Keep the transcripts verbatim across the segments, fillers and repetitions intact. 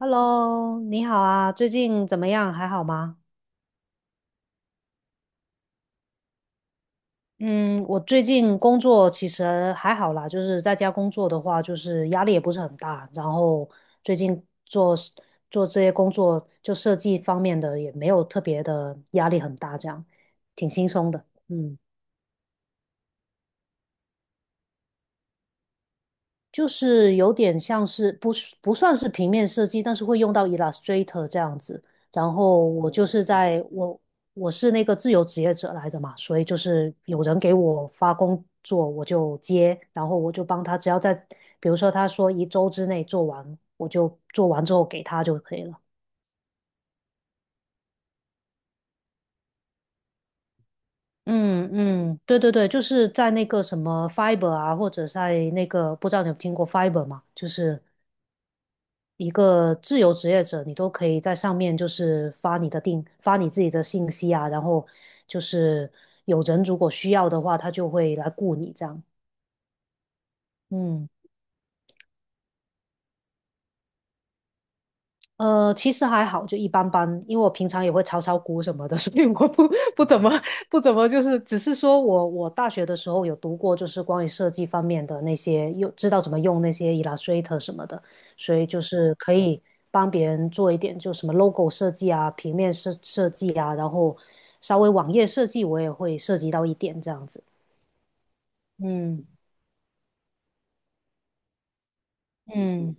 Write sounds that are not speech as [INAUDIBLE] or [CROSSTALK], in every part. Hello，你好啊，最近怎么样？还好吗？嗯，我最近工作其实还好啦，就是在家工作的话，就是压力也不是很大，然后最近做做这些工作，就设计方面的也没有特别的压力很大，这样挺轻松的。嗯。就是有点像是不是不算是平面设计，但是会用到 Illustrator 这样子。然后我就是在我我是那个自由职业者来的嘛，所以就是有人给我发工作，我就接，然后我就帮他，只要在比如说他说一周之内做完，我就做完之后给他就可以了。嗯嗯，对对对，就是在那个什么 Fiber 啊，或者在那个不知道你有听过 Fiber 吗？就是。一个自由职业者，你都可以在上面就是发你的定，发你自己的信息啊，然后就是有人如果需要的话，他就会来雇你这样。嗯。呃，其实还好，就一般般，因为我平常也会炒炒股什么的，所以我不不怎么不怎么就是，只是说我我大学的时候有读过，就是关于设计方面的那些，又知道怎么用那些 Illustrator 什么的，所以就是可以帮别人做一点，就什么 logo 设计啊、平面设设计啊，然后稍微网页设计我也会涉及到一点这样子。嗯嗯。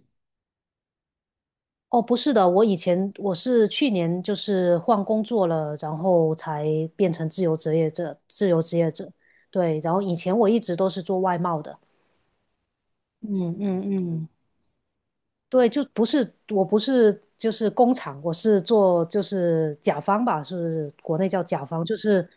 哦，不是的，我以前我是去年就是换工作了，然后才变成自由职业者，自由职业者。对，然后以前我一直都是做外贸的。嗯嗯嗯，对，就不是，我不是就是工厂，我是做就是甲方吧，是不是国内叫甲方，就是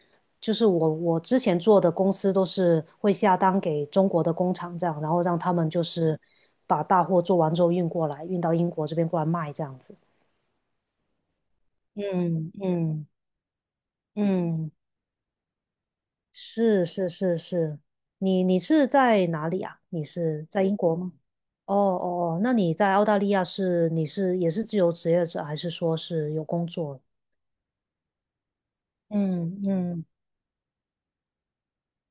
就是我我之前做的公司都是会下单给中国的工厂这样，然后让他们就是把大货做完之后运过来，运到英国这边过来卖这样子。嗯嗯。嗯，是是是是，你你是在哪里啊？你是在英国吗？哦哦哦，那你在澳大利亚是你是也是自由职业者，还是说是有工作？嗯嗯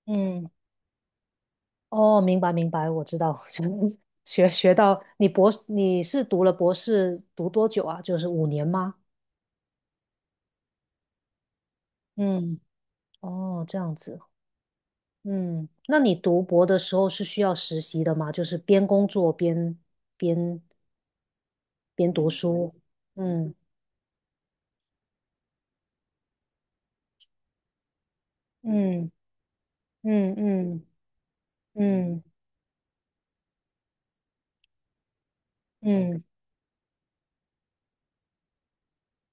嗯，哦，明白明白，我知道，[LAUGHS] 就学学到你博你是读了博士读多久啊？就是五年吗？嗯，哦，这样子，嗯，那你读博的时候是需要实习的吗？就是边工作边边边读书，嗯嗯嗯嗯嗯嗯，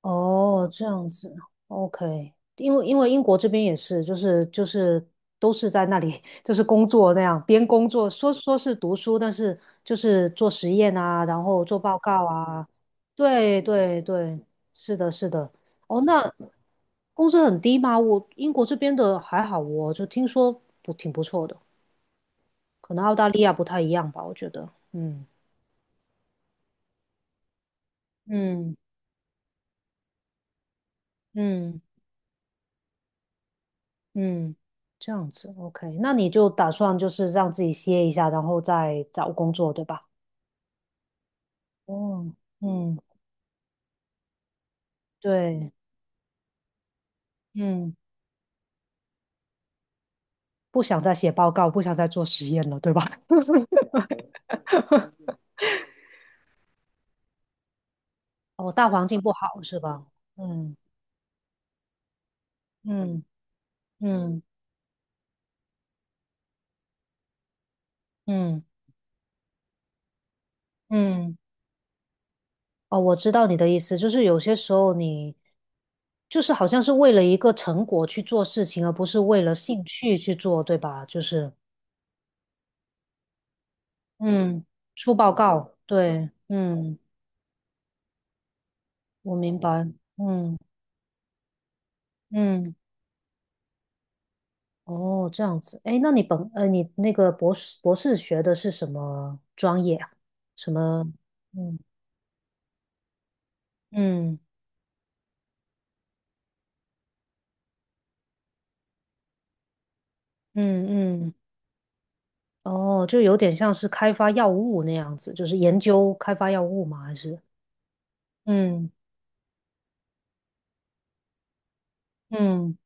哦，这样子，OK，因为因为英国这边也是，就是就是都是在那里就是工作那样，边工作说说是读书，但是就是做实验啊，然后做报告啊，对对对，是的是的，哦，那工资很低吗？我英国这边的还好哦，我就听说不挺不错的，可能澳大利亚不太一样吧，我觉得，嗯。嗯嗯嗯，这样子，OK，那你就打算就是让自己歇一下，然后再找工作，对吧？哦，嗯，对，嗯，不想再写报告，不想再做实验了，对吧？[LAUGHS] 哦，大环境不好是吧？嗯嗯嗯嗯嗯，哦，我知道你的意思，就是有些时候你就是好像是为了一个成果去做事情，而不是为了兴趣去做，对吧？就是，嗯，出报告，对，嗯，我明白，嗯嗯，哦，这样子，哎，那你本呃，你那个博士博士学的是什么专业啊？什么？嗯嗯嗯嗯，哦，就有点像是开发药物那样子，就是研究开发药物吗？还是？嗯嗯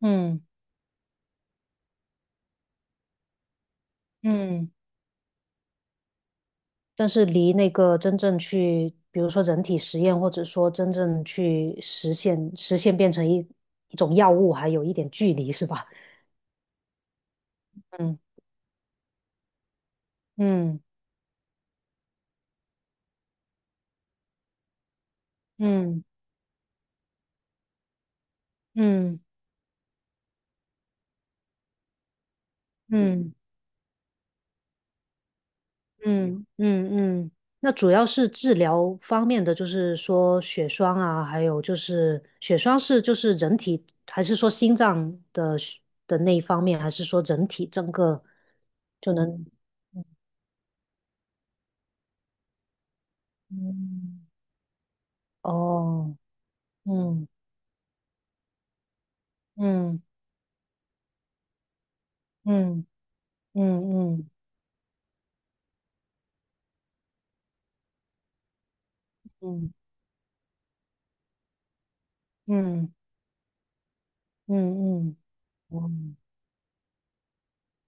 嗯嗯。但是离那个真正去，比如说人体实验，或者说真正去实现实现变成一一种药物，还有一点距离，是吧？嗯嗯嗯嗯嗯嗯嗯嗯。那主要是治疗方面的，就是说血栓啊，还有就是血栓是就是人体，还是说心脏的血的那一方面，还是说人体整个就能？嗯，哦，嗯嗯。嗯嗯嗯嗯嗯嗯嗯，嗯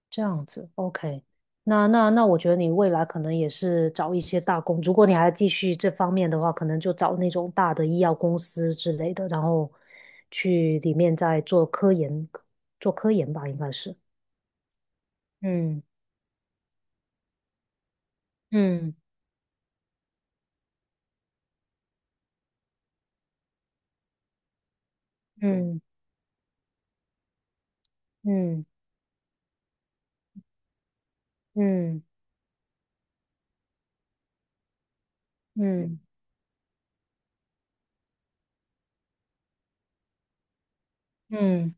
这样子，OK。那那那，我觉得你未来可能也是找一些大公，如果你还继续这方面的话，可能就找那种大的医药公司之类的，然后去里面再做科研，做科研吧，应该是。嗯嗯嗯嗯嗯嗯嗯嗯。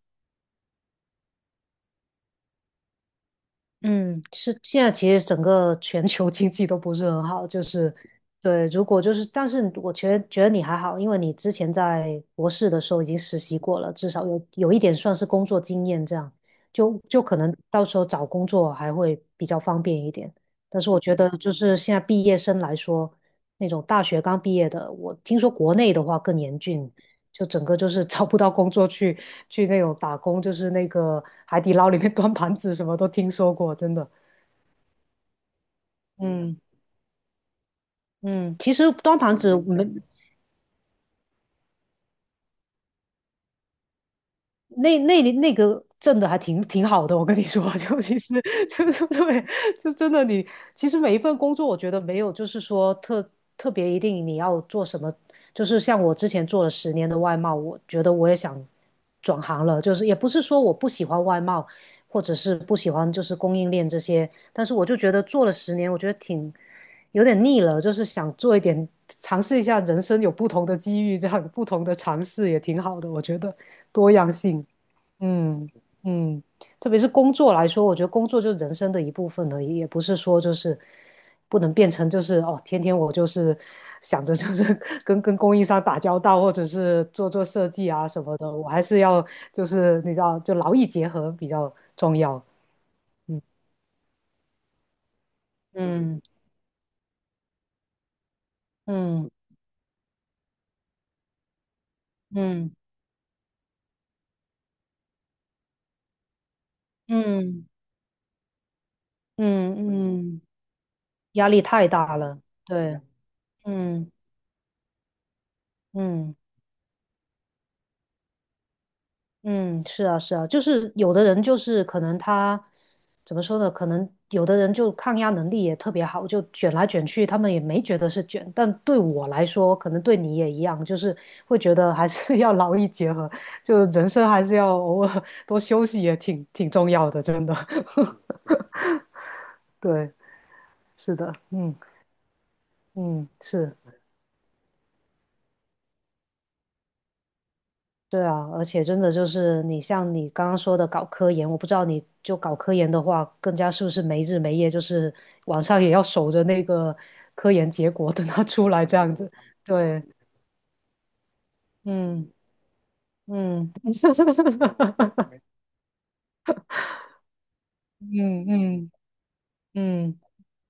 嗯，是现在其实整个全球 [LAUGHS] 经济都不是很好，就是对，如果就是，但是我觉得觉得你还好，因为你之前在博士的时候已经实习过了，至少有有一点算是工作经验，这样就就可能到时候找工作还会比较方便一点。但是我觉得就是现在毕业生来说，那种大学刚毕业的，我听说国内的话更严峻，就整个就是找不到工作去去那种打工，就是那个海底捞里面 [LAUGHS] 端盘子，什么都听说过，真的。嗯嗯，其实端盘子我没那那那个挣的还挺挺好的，我跟你说，[LAUGHS] 就其实就就对，就真的你其实每一份工作，我觉得没有就是说特特别一定你要做什么，就是像我之前做了十年的外贸，我觉得我也想转行了，就是也不是说我不喜欢外贸，或者是不喜欢就是供应链这些，但是我就觉得做了十年，我觉得挺有点腻了，就是想做一点尝试一下人生有不同的机遇，这样有不同的尝试也挺好的，我觉得多样性，嗯嗯，特别是工作来说，我觉得工作就是人生的一部分而已，也不是说就是不能变成就是哦，天天我就是想着就是跟跟供应商打交道，或者是做做设计啊什么的，我还是要就是你知道，就劳逸结合比较重要，嗯嗯。嗯嗯嗯嗯嗯，压力太大了。对，嗯嗯嗯，是啊是啊，就是有的人就是可能他怎么说呢？可能有的人就抗压能力也特别好，就卷来卷去，他们也没觉得是卷。但对我来说，可能对你也一样，就是会觉得还是 [LAUGHS] 要劳逸结合，就人生还是要偶尔多休息，也挺挺重要的，真的。[LAUGHS] 对，是的，嗯嗯是。对啊，而且真的就是你像你刚刚说的搞科研，我不知道你就搞科研的话，更加是不是没日没夜，就是晚上也要守着那个科研结果等它出来这样子。对，嗯嗯 [LAUGHS] 嗯嗯嗯。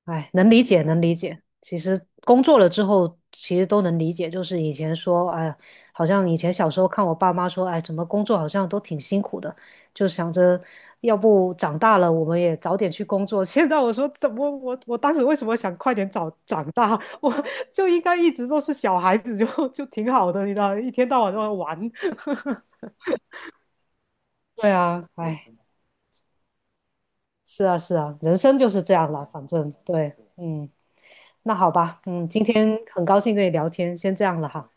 哎，能理解，能理解。其实工作了之后，其实都能理解。就是以前说，哎呀，好像以前小时候看我爸妈说，哎，怎么工作好像都挺辛苦的，就想着要不长大了我们也早点去工作。[LAUGHS] 现在我说，怎么我我当时为什么想快点早长大？[LAUGHS] 我就应该一直都是小孩子就，[LAUGHS] 就挺好的，你知道，一天到晚都在玩。[LAUGHS] 对啊，哎，是啊，是啊，人生就是这样了，反正对，嗯。那好吧，嗯，今天很高兴跟你聊天，先这样了哈，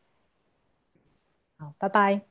好，拜拜。